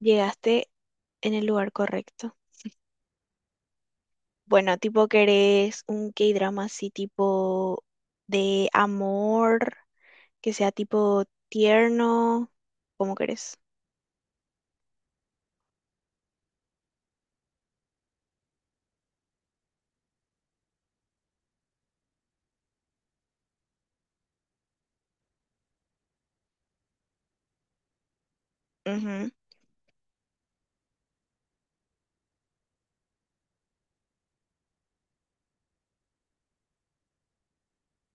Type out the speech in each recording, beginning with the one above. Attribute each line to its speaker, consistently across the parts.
Speaker 1: Llegaste en el lugar correcto. Bueno, tipo querés un K-drama así tipo de amor, que sea tipo tierno, ¿cómo querés? Ujú,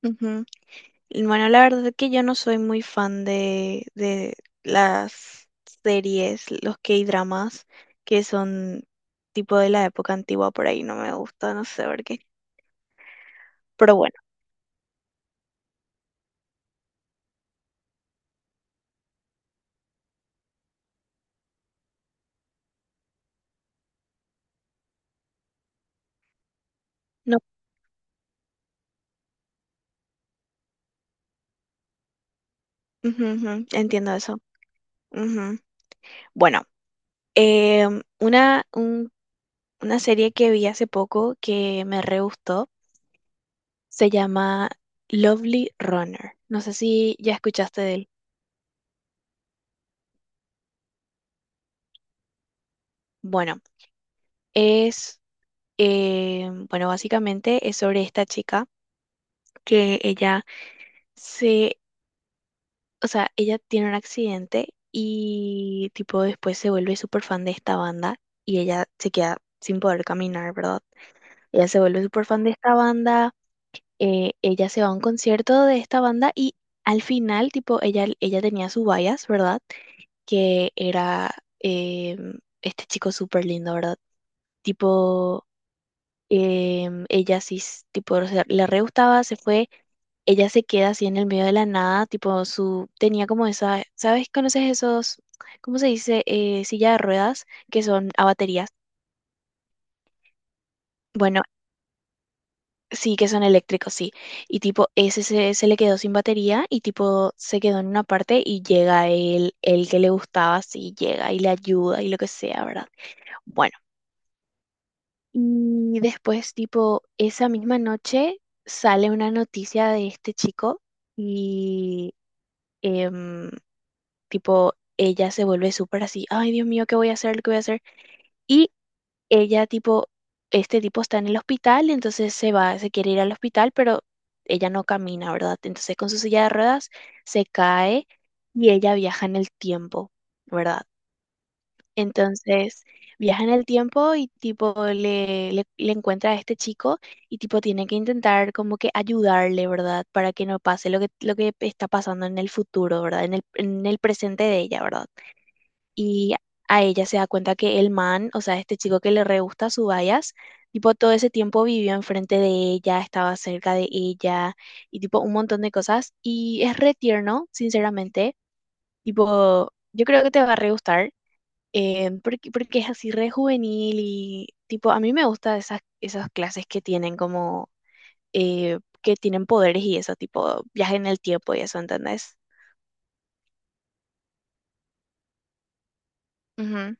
Speaker 1: ujú. Y bueno, la verdad es que yo no soy muy fan de las series, los K-dramas, que son tipo de la época antigua por ahí, no me gusta, no sé por qué. Pero bueno, no, ujú, ujú, entiendo eso. Ujú. Bueno. Eh, una, un- una serie que vi hace poco que me re gustó se llama Lovely Runner. No sé si ya escuchaste de él. Bueno, es, bueno, básicamente es sobre esta chica que ella se, o sea, ella tiene un accidente y tipo después se vuelve súper fan de esta banda y ella se queda sin poder caminar, ¿verdad? Ella se vuelve súper fan de esta banda. Ella se va a un concierto de esta banda y al final, tipo, ella tenía su bias, ¿verdad? Que era este chico súper lindo, ¿verdad? Tipo, ella sí, tipo, o sea, le re gustaba, se fue, ella se queda así en el medio de la nada, tipo, su, tenía como esa, ¿sabes? ¿Conoces esos, cómo se dice? Silla de ruedas que son a baterías. Bueno, sí, que son eléctricos, sí. Y tipo, se le quedó sin batería y tipo se quedó en una parte y llega el que le gustaba, sí, llega y le ayuda y lo que sea, ¿verdad? Bueno, y después tipo, esa misma noche sale una noticia de este chico y em, tipo, ella se vuelve súper así, ay Dios mío, ¿qué voy a hacer? ¿Qué voy a hacer? Y ella tipo, este tipo está en el hospital, entonces se va, se quiere ir al hospital, pero ella no camina, ¿verdad? Entonces con su silla de ruedas se cae y ella viaja en el tiempo, ¿verdad? Entonces viaja en el tiempo y tipo le encuentra a este chico y tipo tiene que intentar como que ayudarle, ¿verdad? Para que no pase lo que está pasando en el futuro, ¿verdad? En el presente de ella, ¿verdad? Y a ella se da cuenta que el man, o sea, este chico que le re gusta su bayas, tipo todo ese tiempo vivió enfrente de ella, estaba cerca de ella y tipo un montón de cosas y es re tierno, sinceramente, tipo yo creo que te va a re gustar. Porque porque es así re juvenil y tipo a mí me gusta esas clases que tienen como que tienen poderes y eso, tipo viaje en el tiempo y eso, ¿entendés? Ujú,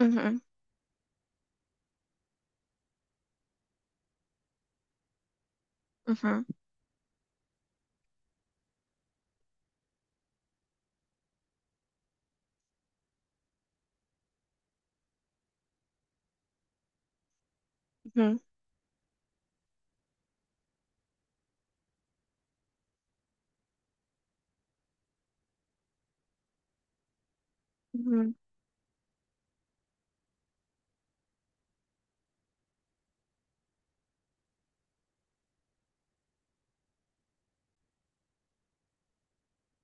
Speaker 1: ujú, ujú, ujú, ujú,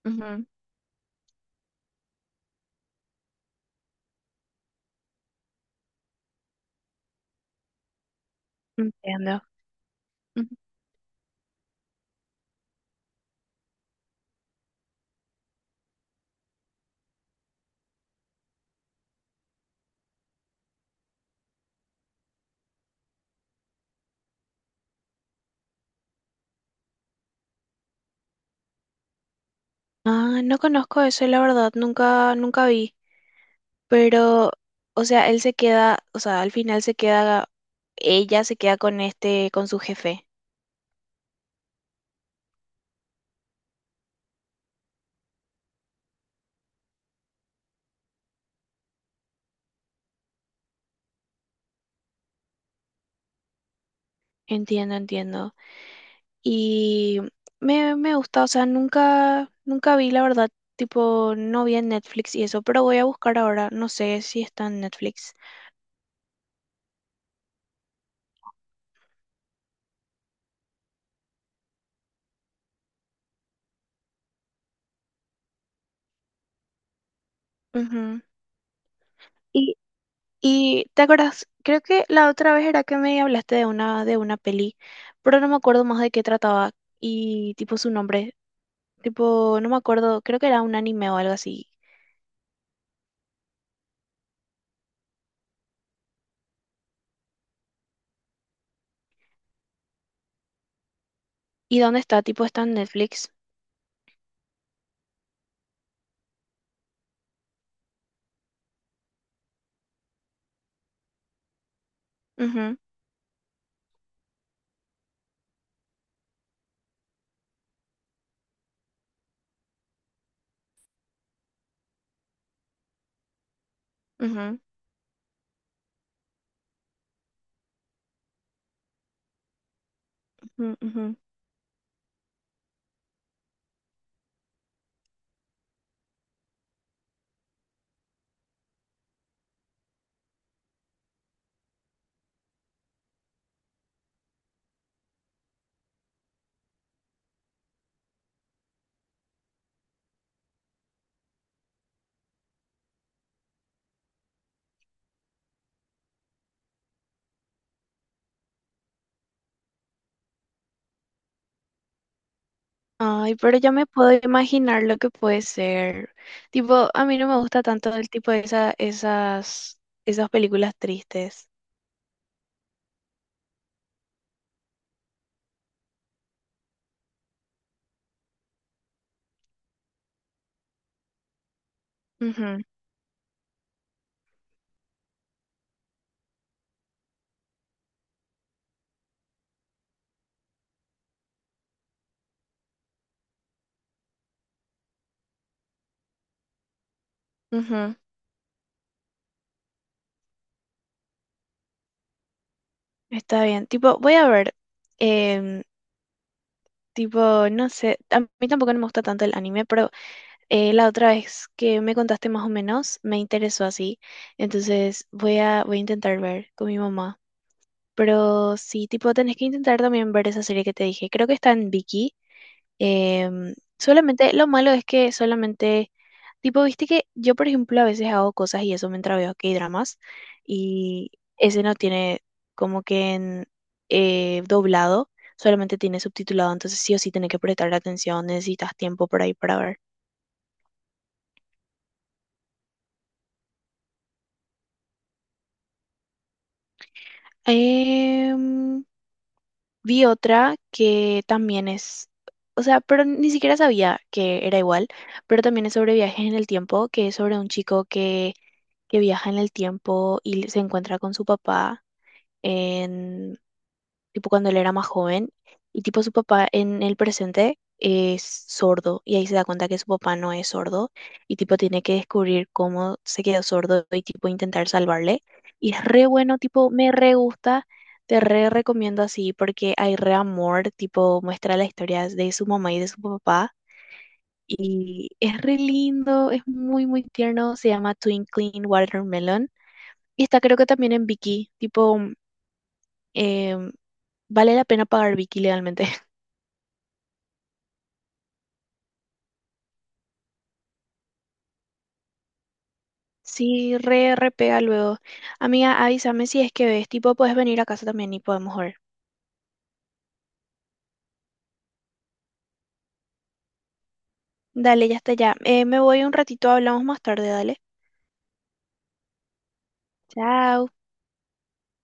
Speaker 1: ujú. Entiendo. Ujú. Ah, no conozco eso, la verdad, nunca, nunca vi. Pero, o sea, él se queda, o sea, al final se queda, ella se queda con este, con su jefe. Entiendo, entiendo. Y me gusta, o sea, nunca, nunca vi, la verdad, tipo, no vi en Netflix y eso, pero voy a buscar ahora, no sé si está en Netflix. Ujú. Y, y ¿te acuerdas? Creo que la otra vez era que me hablaste de una peli, pero no me acuerdo más de qué trataba y tipo su nombre. Tipo, no me acuerdo, creo que era un anime o algo así. ¿Y dónde está? Tipo, está en Netflix. Ujú, ujú, ujú, ujú. Ay, pero ya me puedo imaginar lo que puede ser. Tipo, a mí no me gusta tanto el tipo de esas, esas películas tristes. Ujú, ujú. Está bien. Tipo, voy a ver. em, tipo, no sé. A mí tampoco no me gusta tanto el anime, pero la otra vez que me contaste más o menos, me interesó así. Entonces voy a intentar ver con mi mamá. Pero sí, tipo, tenés que intentar también ver esa serie que te dije. Creo que está en Vicky. Em, solamente, lo malo es que solamente, tipo, viste que yo, por ejemplo, a veces hago cosas y eso mientras veo K-dramas. Y ese no tiene como que en doblado, solamente tiene subtitulado. Entonces sí o sí tenés que prestar atención, necesitas tiempo por ahí para ver. Em, Vi otra que también es, o sea, pero ni siquiera sabía que era igual, pero también es sobre viajes en el tiempo, que es sobre un chico que viaja en el tiempo y se encuentra con su papá en tipo cuando él era más joven, y tipo su papá en el presente es sordo, y ahí se da cuenta que su papá no es sordo, y tipo tiene que descubrir cómo se quedó sordo y tipo intentar salvarle. Y es re bueno, tipo, me re gusta, te re recomiendo así, porque hay re amor, tipo, muestra la historia de su mamá y de su papá. Y es re lindo, es muy, muy tierno. Se llama Twinkling Watermelon. Y está creo que también en Viki. Tipo, em, vale la pena pagar Viki legalmente. Sí, re, re pega luego. Amiga, avísame si es que ves, tipo, puedes venir a casa también y podemos ver. Dale, ya está ya. Me voy un ratito, hablamos más tarde, dale. Chao.